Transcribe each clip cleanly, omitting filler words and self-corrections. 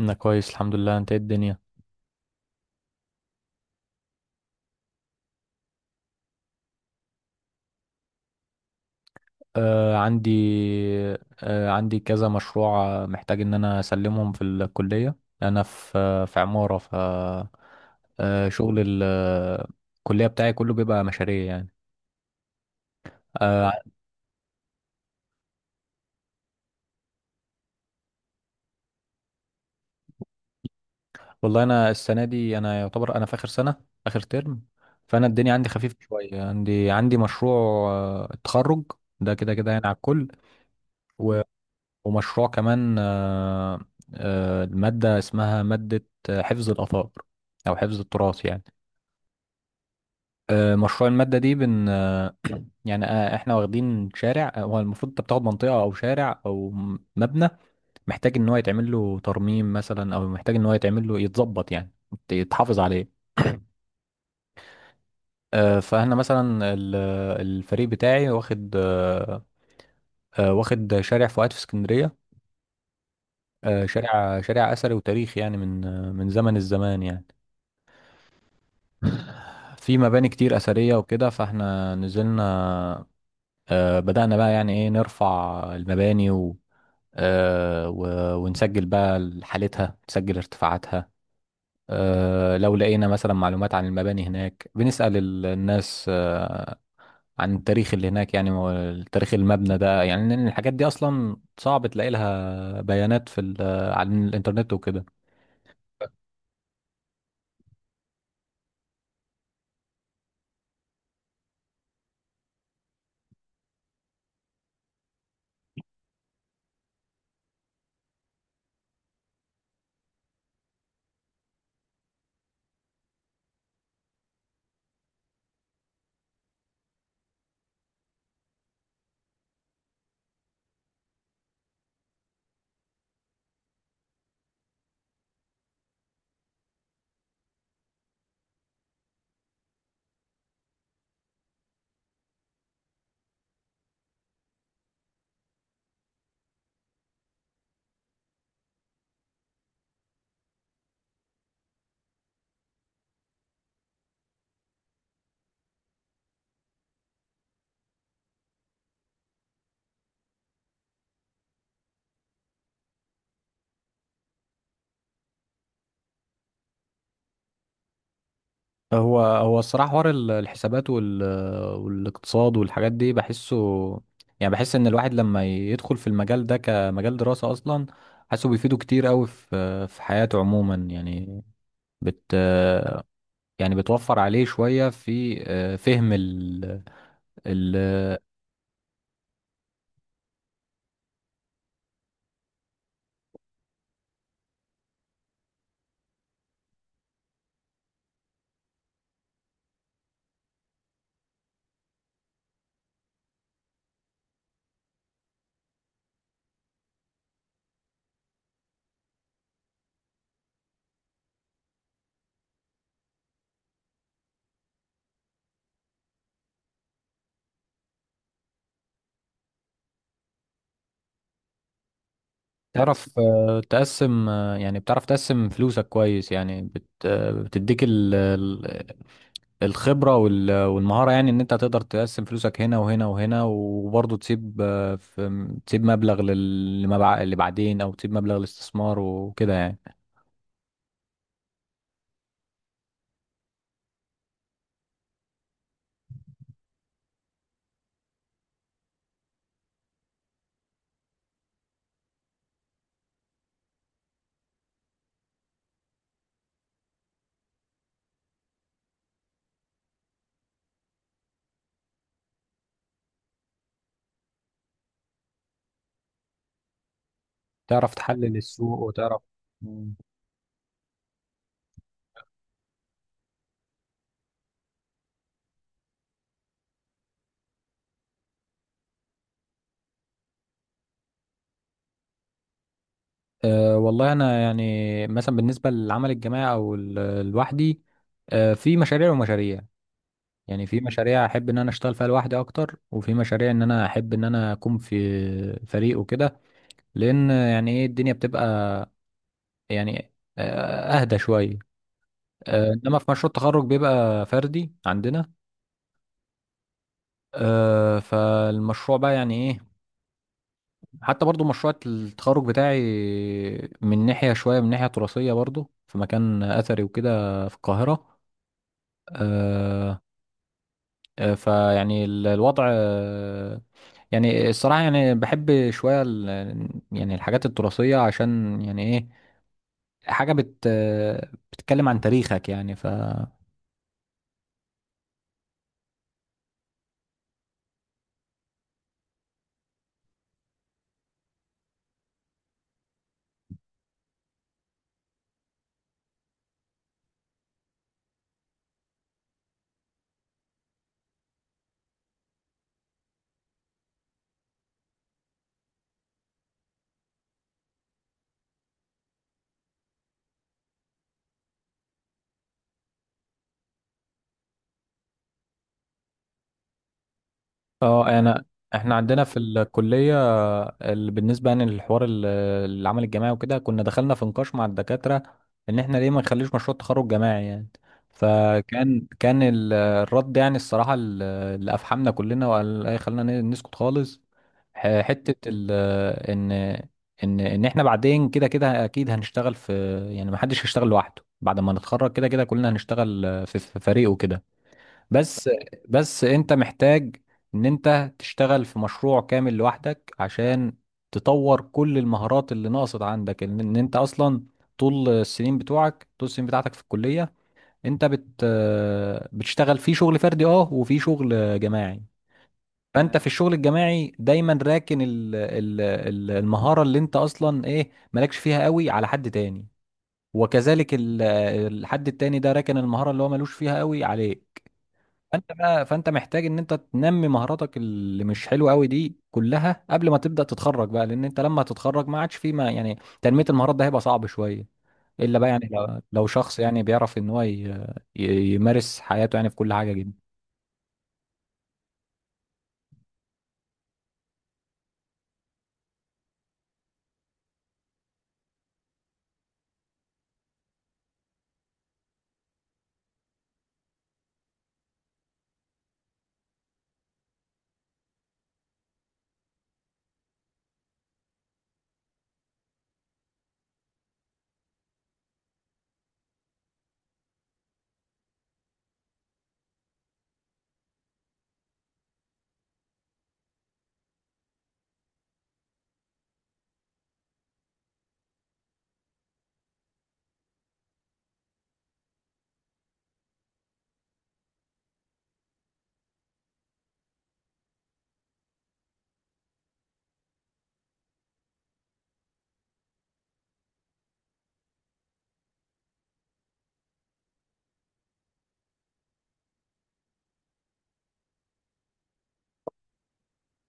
انا كويس الحمد لله. انت إيه الدنيا؟ آه عندي آه عندي كذا مشروع، محتاج ان انا اسلمهم في الكلية. انا في في عمارة ف آه شغل الكلية بتاعي كله بيبقى مشاريع يعني. آه والله انا السنة دي انا يعتبر انا في اخر سنة، اخر ترم. فانا الدنيا عندي خفيفة شوية. عندي مشروع التخرج ده كده كده يعني على الكل. ومشروع كمان المادة اسمها مادة حفظ الآثار أو حفظ التراث يعني. مشروع المادة دي بن آه، يعني احنا واخدين شارع. هو المفروض انت بتاخد منطقة أو شارع أو مبنى محتاج إن هو يتعمل له ترميم مثلا، أو محتاج إن هو يتعمل له يتظبط يعني يتحافظ عليه. فاحنا مثلا الفريق بتاعي واخد واخد شارع فؤاد في اسكندرية. شارع أثري وتاريخي يعني من من زمن الزمان يعني. في مباني كتير أثرية وكده. فاحنا نزلنا، بدأنا بقى يعني ايه نرفع المباني، و ونسجل بقى حالتها، نسجل ارتفاعاتها. لو لقينا مثلا معلومات عن المباني هناك بنسأل الناس، عن التاريخ اللي هناك يعني، تاريخ المبنى ده يعني، لأن الحاجات دي أصلا صعب تلاقي لها بيانات في على الإنترنت وكده. هو الصراحة حوار الحسابات والاقتصاد والحاجات دي بحسه، يعني بحس ان الواحد لما يدخل في المجال ده كمجال دراسة اصلا حاسه بيفيده كتير قوي في حياته عموما يعني. بت يعني بتوفر عليه شوية في فهم ال... تعرف تقسم، يعني بتعرف تقسم فلوسك كويس يعني بت... آه، بتديك الخبرة والمهارة، يعني ان انت تقدر تقسم فلوسك هنا وهنا وهنا، وبرضه تسيب آه، في تسيب مبلغ اللي بعدين، او تسيب مبلغ للاستثمار وكده يعني. تعرف تحلل السوق وتعرف. مم. أه والله انا يعني مثلا بالنسبة للعمل الجماعي او لوحدي، أه في مشاريع ومشاريع يعني. في مشاريع احب ان انا اشتغل فيها لوحدي اكتر، وفي مشاريع ان انا احب ان انا اكون في فريق وكده، لان يعني ايه الدنيا بتبقى يعني اهدى شويه. انما في مشروع التخرج بيبقى فردي عندنا. فالمشروع بقى يعني ايه، حتى برضو مشروع التخرج بتاعي من ناحية شوية من ناحية تراثية برضو، في مكان اثري وكده في القاهرة. آه، فيعني الوضع يعني الصراحة يعني بحب شوية يعني الحاجات التراثية عشان يعني ايه، حاجة بت آه، بتتكلم عن تاريخك يعني ف. اه انا احنا عندنا في الكليه بالنسبه يعني للحوار العمل الجماعي وكده، كنا دخلنا في نقاش مع الدكاتره ان احنا ليه ما نخليش مشروع تخرج جماعي يعني. فكان الرد يعني الصراحه اللي افحمنا كلنا، وقال ايه خلينا نسكت خالص، ح- حته ال ان ان احنا بعدين كده كده اكيد هنشتغل في، يعني ما حدش هيشتغل لوحده بعد ما نتخرج. كده كده كلنا هنشتغل في فريق وكده. بس، بس انت محتاج ان انت تشتغل في مشروع كامل لوحدك عشان تطور كل المهارات اللي ناقصت عندك، ان انت اصلا طول السنين بتوعك، طول السنين بتاعتك في الكلية انت بتشتغل في شغل فردي، اه وفي شغل جماعي. فانت في الشغل الجماعي دايما راكن ال ال ال المهارة اللي انت اصلا ايه مالكش فيها قوي على حد تاني، وكذلك الحد التاني ده راكن المهارة اللي هو ملوش فيها قوي عليه. فانت بقى محتاج ان انت تنمي مهاراتك اللي مش حلوه قوي دي كلها قبل ما تبدا تتخرج بقى، لان انت لما تتخرج ما عادش في، ما يعني تنميه المهارات ده هيبقى صعب شويه، الا بقى يعني لو شخص يعني بيعرف ان هو يمارس حياته يعني في كل حاجه جدا.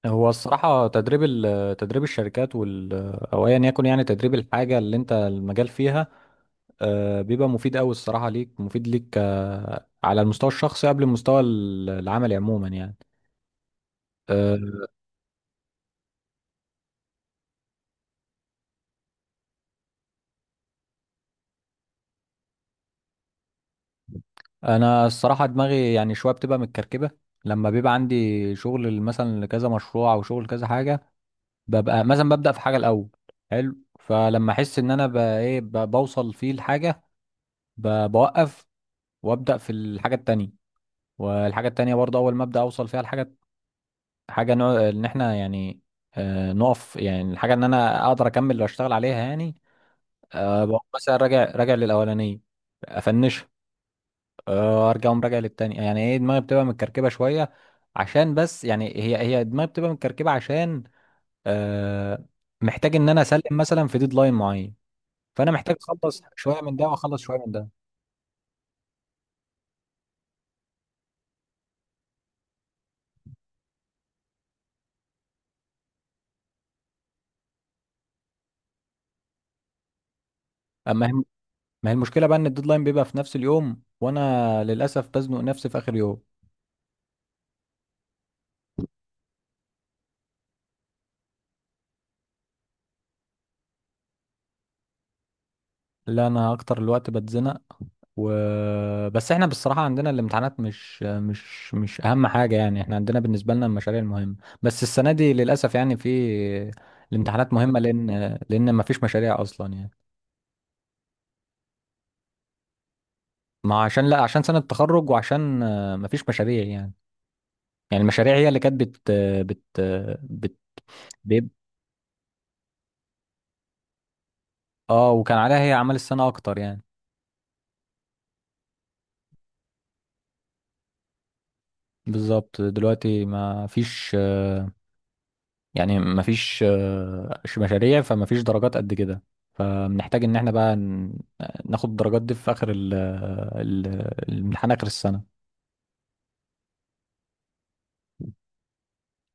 هو الصراحه تدريب تدريب الشركات او ايا يكن، يعني تدريب الحاجه اللي انت المجال فيها، بيبقى مفيد قوي الصراحه ليك، مفيد ليك على المستوى الشخصي قبل المستوى العملي عموما يعني. آه، انا الصراحه دماغي يعني شويه بتبقى متكركبه لما بيبقى عندي شغل مثلا لكذا مشروع او شغل كذا حاجه. ببقى مثلا ببدا في حاجه الاول، حلو، فلما احس ان انا بوصل فيه الحاجه بوقف وابدا في الحاجه التانية. والحاجه التانية برضه اول ما ابدا اوصل فيها الحاجه، حاجه نوع ان احنا يعني نقف، يعني الحاجه ان انا اقدر اكمل واشتغل عليها يعني. بقوم مثلا راجع للاولانيه افنشها، ارجع اقوم راجع للتاني. يعني ايه دماغي بتبقى متكركبه شويه عشان بس. يعني هي دماغي بتبقى متكركبه عشان آه محتاج ان انا اسلم مثلا في ديدلاين معين، فانا محتاج اخلص شويه من ده واخلص شويه من ده. اما هي، ما هي المشكله بقى ان الديدلاين بيبقى في نفس اليوم، وانا للاسف بزنق نفسي في اخر يوم. لا انا اكتر الوقت بتزنق بس احنا بالصراحة عندنا الامتحانات مش أهم حاجة يعني، احنا عندنا بالنسبة لنا المشاريع المهمة. بس السنة دي للأسف يعني في الامتحانات مهمة لأن مفيش مشاريع أصلا يعني. ما عشان، لا عشان سنة تخرج وعشان مفيش مشاريع يعني. يعني المشاريع هي اللي كانت بت بت بيب- اه، وكان عليها هي أعمال السنة أكتر يعني. بالظبط دلوقتي ما فيش، يعني مفيش مشاريع، فمفيش درجات قد كده. فبنحتاج ان احنا بقى ناخد الدرجات دي في اخر الامتحان اخر السنة.